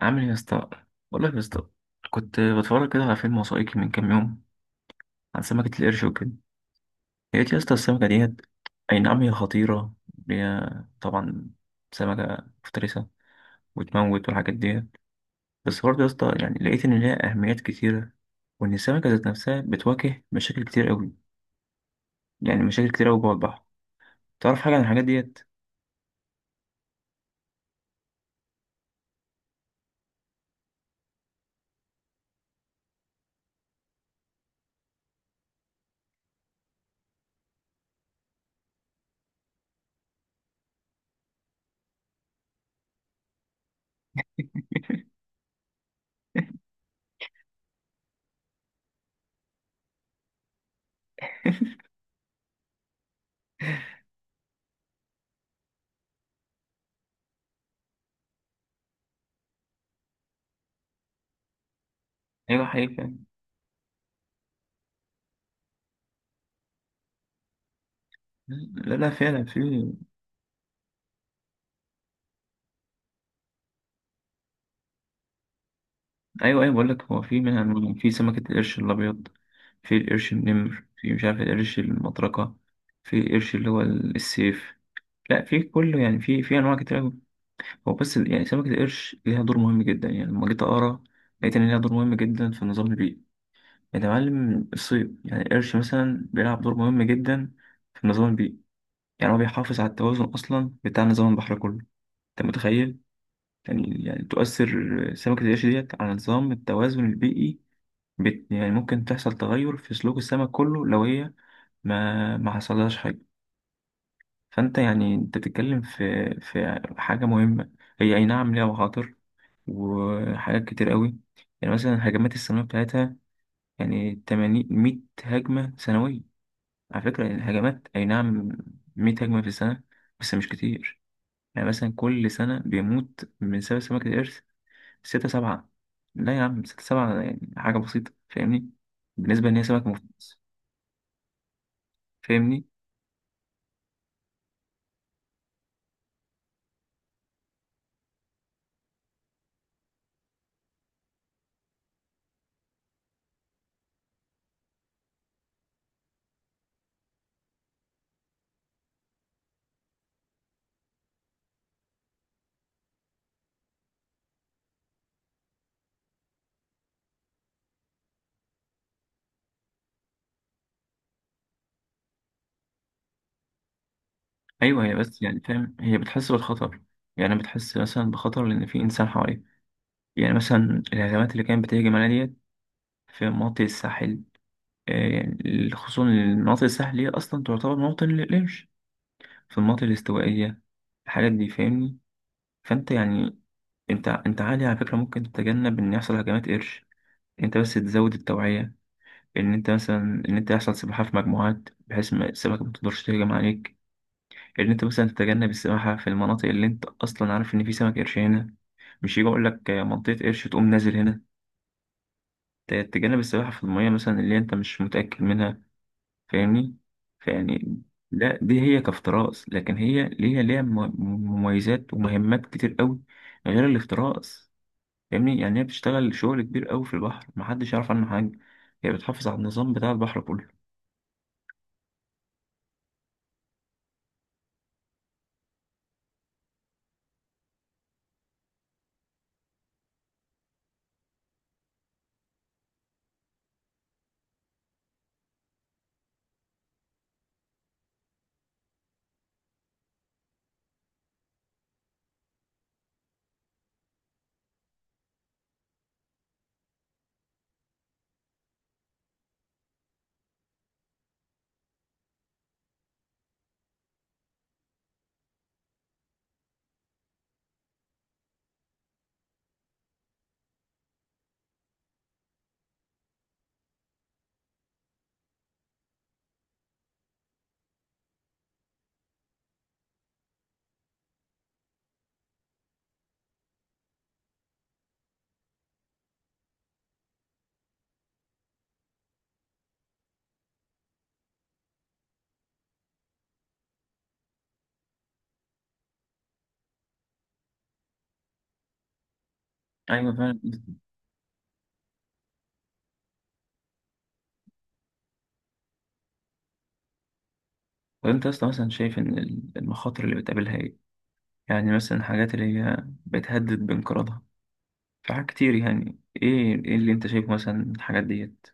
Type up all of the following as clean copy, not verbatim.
عامل ايه يا اسطى؟ بقول لك يا اسطى، كنت بتفرج كده على فيلم وثائقي من كام يوم عن سمكة القرش وكده. لقيت يا اسطى السمكة ديت، أي نعم هي خطيرة، هي طبعا سمكة مفترسة وتموت والحاجات ديت، بس برضه يا اسطى يعني لقيت إن ليها أهميات كتيرة، وإن السمكة ذات نفسها بتواجه مشاكل كتير أوي، يعني مشاكل كتير أوي جوه البحر. تعرف حاجة عن الحاجات ديت؟ أيوة حقيقة. لا لا فعلا في. ايوه ايوه بقول لك، هو في منها أنواع. في سمكة القرش الابيض، في القرش النمر، في مش عارف القرش المطرقة، في القرش اللي هو السيف. لا في كله يعني في انواع كتير أوي. هو بس يعني سمكة القرش ليها دور مهم جدا. يعني لما جيت اقرا لقيت ان ليها دور مهم جدا في النظام البيئي. يعني يا معلم الصيد، يعني القرش مثلا بيلعب دور مهم جدا في النظام البيئي. يعني هو بيحافظ على التوازن اصلا بتاع نظام البحر كله. انت متخيل يعني يعني تؤثر سمكة القرش ديت على نظام التوازن البيئي؟ بت يعني ممكن تحصل تغير في سلوك السمك كله لو هي ما حصلهاش حاجة. فأنت يعني أنت بتتكلم في حاجة مهمة. هي أي نعم ليها مخاطر وحاجات كتير قوي. يعني مثلا هجمات السنوية بتاعتها، يعني 80 100 هجمة سنوية، على فكرة. يعني الهجمات أي نعم 100 هجمة في السنة، بس مش كتير. يعني مثلا كل سنة بيموت من سبب سمكة القرش ستة سبعة. لا يا عم ستة سبعة يعني حاجة بسيطة، فاهمني، بالنسبة إن هي سمك مفترس. فاهمني؟ ايوه هي بس يعني فاهم، هي بتحس بالخطر، يعني بتحس مثلا بخطر لان في انسان حواليها. يعني مثلا الهجمات اللي كانت بتهجم عليها ديت في مناطق الساحل، آه، يعني خصوصا مناطق الساحل هي اصلا تعتبر موطن للقرش، في المناطق الاستوائيه، الحاجات دي، فاهمني. فانت يعني انت عادي على فكره ممكن تتجنب ان يحصل هجمات قرش. انت بس تزود التوعيه، ان انت مثلا، ان انت يحصل سباحه في مجموعات، بحيث ما السمكه ما تقدرش تهجم عليك. ان انت مثلا تتجنب السباحه في المناطق اللي انت اصلا عارف ان في سمك قرش هنا. مش يجي اقول لك منطقه قرش تقوم نازل هنا. تتجنب السباحه في الميه مثلا اللي انت مش متاكد منها، فاهمني. فيعني لا دي هي كافتراس، لكن هي ليها مميزات ومهمات كتير قوي غير الافتراس. فاهمني؟ يعني هي بتشتغل شغل كبير قوي في البحر، محدش يعرف عنه حاجه. هي بتحافظ على النظام بتاع البحر كله. ايوه فعلا. طب انت اصلا مثلا شايف ان المخاطر اللي بتقابلها ايه؟ يعني مثلا الحاجات اللي هي بتهدد بانقراضها، في حاجات كتير، يعني ايه ايه اللي انت شايفه مثلا من الحاجات ديت؟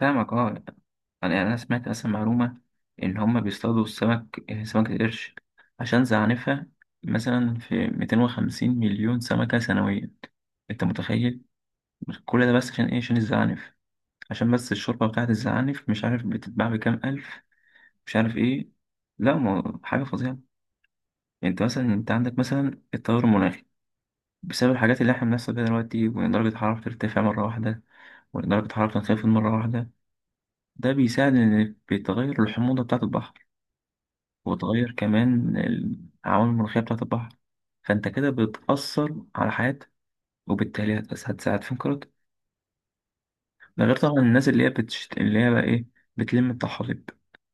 فاهمك اه. يعني انا سمعت اصلا معلومة ان هما بيصطادوا السمك، آه، سمكة القرش، عشان زعنفها، مثلا في 250 مليون سمكة سنويا. انت متخيل؟ كل ده بس عشان ايه؟ عشان الزعانف، عشان بس الشوربة بتاعت الزعانف مش عارف بتتباع بكام ألف، مش عارف ايه. لا ما هو حاجة فظيعة. انت مثلا انت عندك مثلا التغير المناخي بسبب الحاجات اللي احنا بنحصل بيها دلوقتي، وإن درجة الحرارة بترتفع مرة واحدة وإن درجة الحرارة بتنخفض مرة واحدة، ده بيساعد إن بيتغير الحموضة بتاعة البحر وتغير كمان العوامل المناخية بتاعة البحر. فأنت كده بتأثر على حياة، وبالتالي هتساعد في انقراض. ده غير طبعا الناس اللي هي اللي هي بقى إيه، بتلم الطحالب.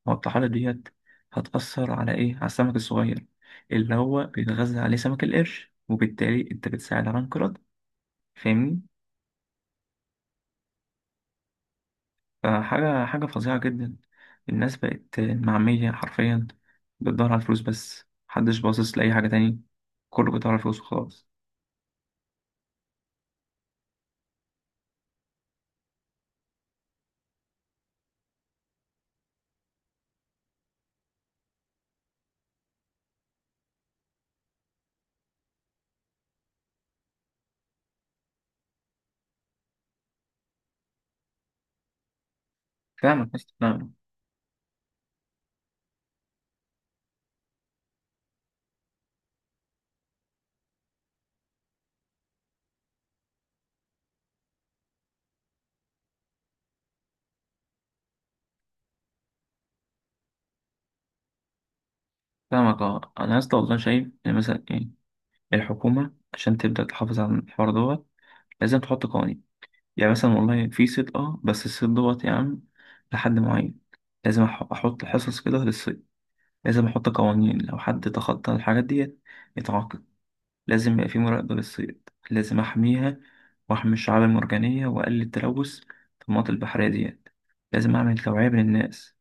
هو الطحالب ديت هتأثر على إيه، على السمك الصغير اللي هو بيتغذى عليه سمك القرش، وبالتالي أنت بتساعد على انقراض، فاهمني. فحاجة فظيعة جدا. الناس بقت معمية حرفيا، بتدور على الفلوس بس، محدش باصص لأي حاجة تاني، كله بيدور على الفلوس وخلاص. فاهمك يا اسطى، فاهمك. فاهمك اه. أنا يا اسطى والله شايف إن مثلا إيه، الحكومة عشان تبدأ تحافظ على الحوار دوت لازم تحط قوانين. يعني مثلا والله في صيد، اه بس الصيد دوت يا عم لحد معين. لازم أحط حصص كده للصيد. لازم أحط قوانين، لو حد تخطى الحاجات ديت يتعاقب. لازم يبقى في مراقبة للصيد، لازم أحميها وأحمي الشعاب المرجانية وأقلل التلوث في المناطق البحرية ديت. لازم أعمل توعية بين الناس،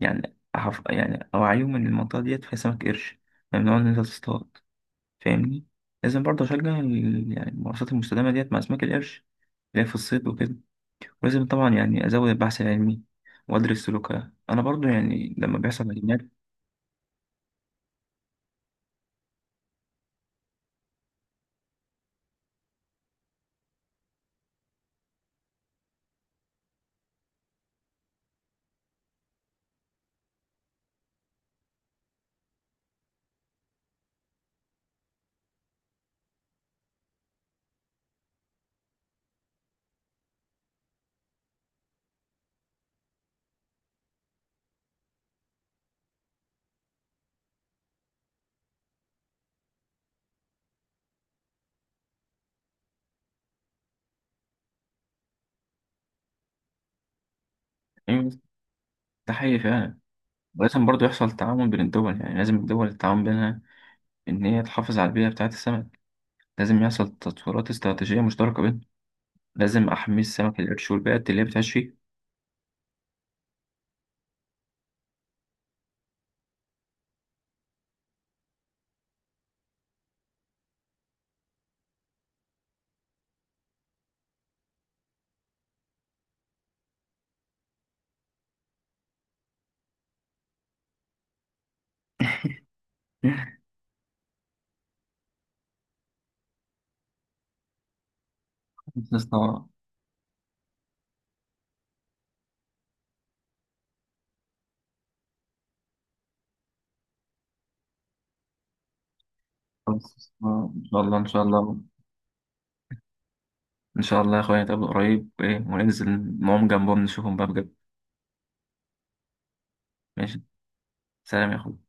يعني يعني أوعيهم إن المنطقة ديت فيها سمك قرش، ممنوع إن أنت تصطاد، فاهمني. لازم برضه أشجع يعني الممارسات المستدامة ديت مع أسماك القرش، اللي هي في الصيد وكده. ولازم طبعا يعني أزود البحث العلمي وأدرس سلوكها أنا برضه، يعني لما بيحصل هجمات. أيوة، ده حقيقي فعلا. ولازم برضه يحصل تعاون بين الدول. يعني لازم الدول التعاون بينها إن هي تحافظ على البيئة بتاعة السمك. لازم يحصل تطويرات استراتيجية مشتركة بينهم. لازم أحمي السمك القرش والبيئة اللي هي بتعيش فيه. خلصنا. خلصنا إن شاء الله، إن شاء الله. إن شاء الله يا أخويا نتقابل قريب وإيه وننزل نقوم جنبهم نشوفهم بقى بجد. ماشي، سلام يا أخويا.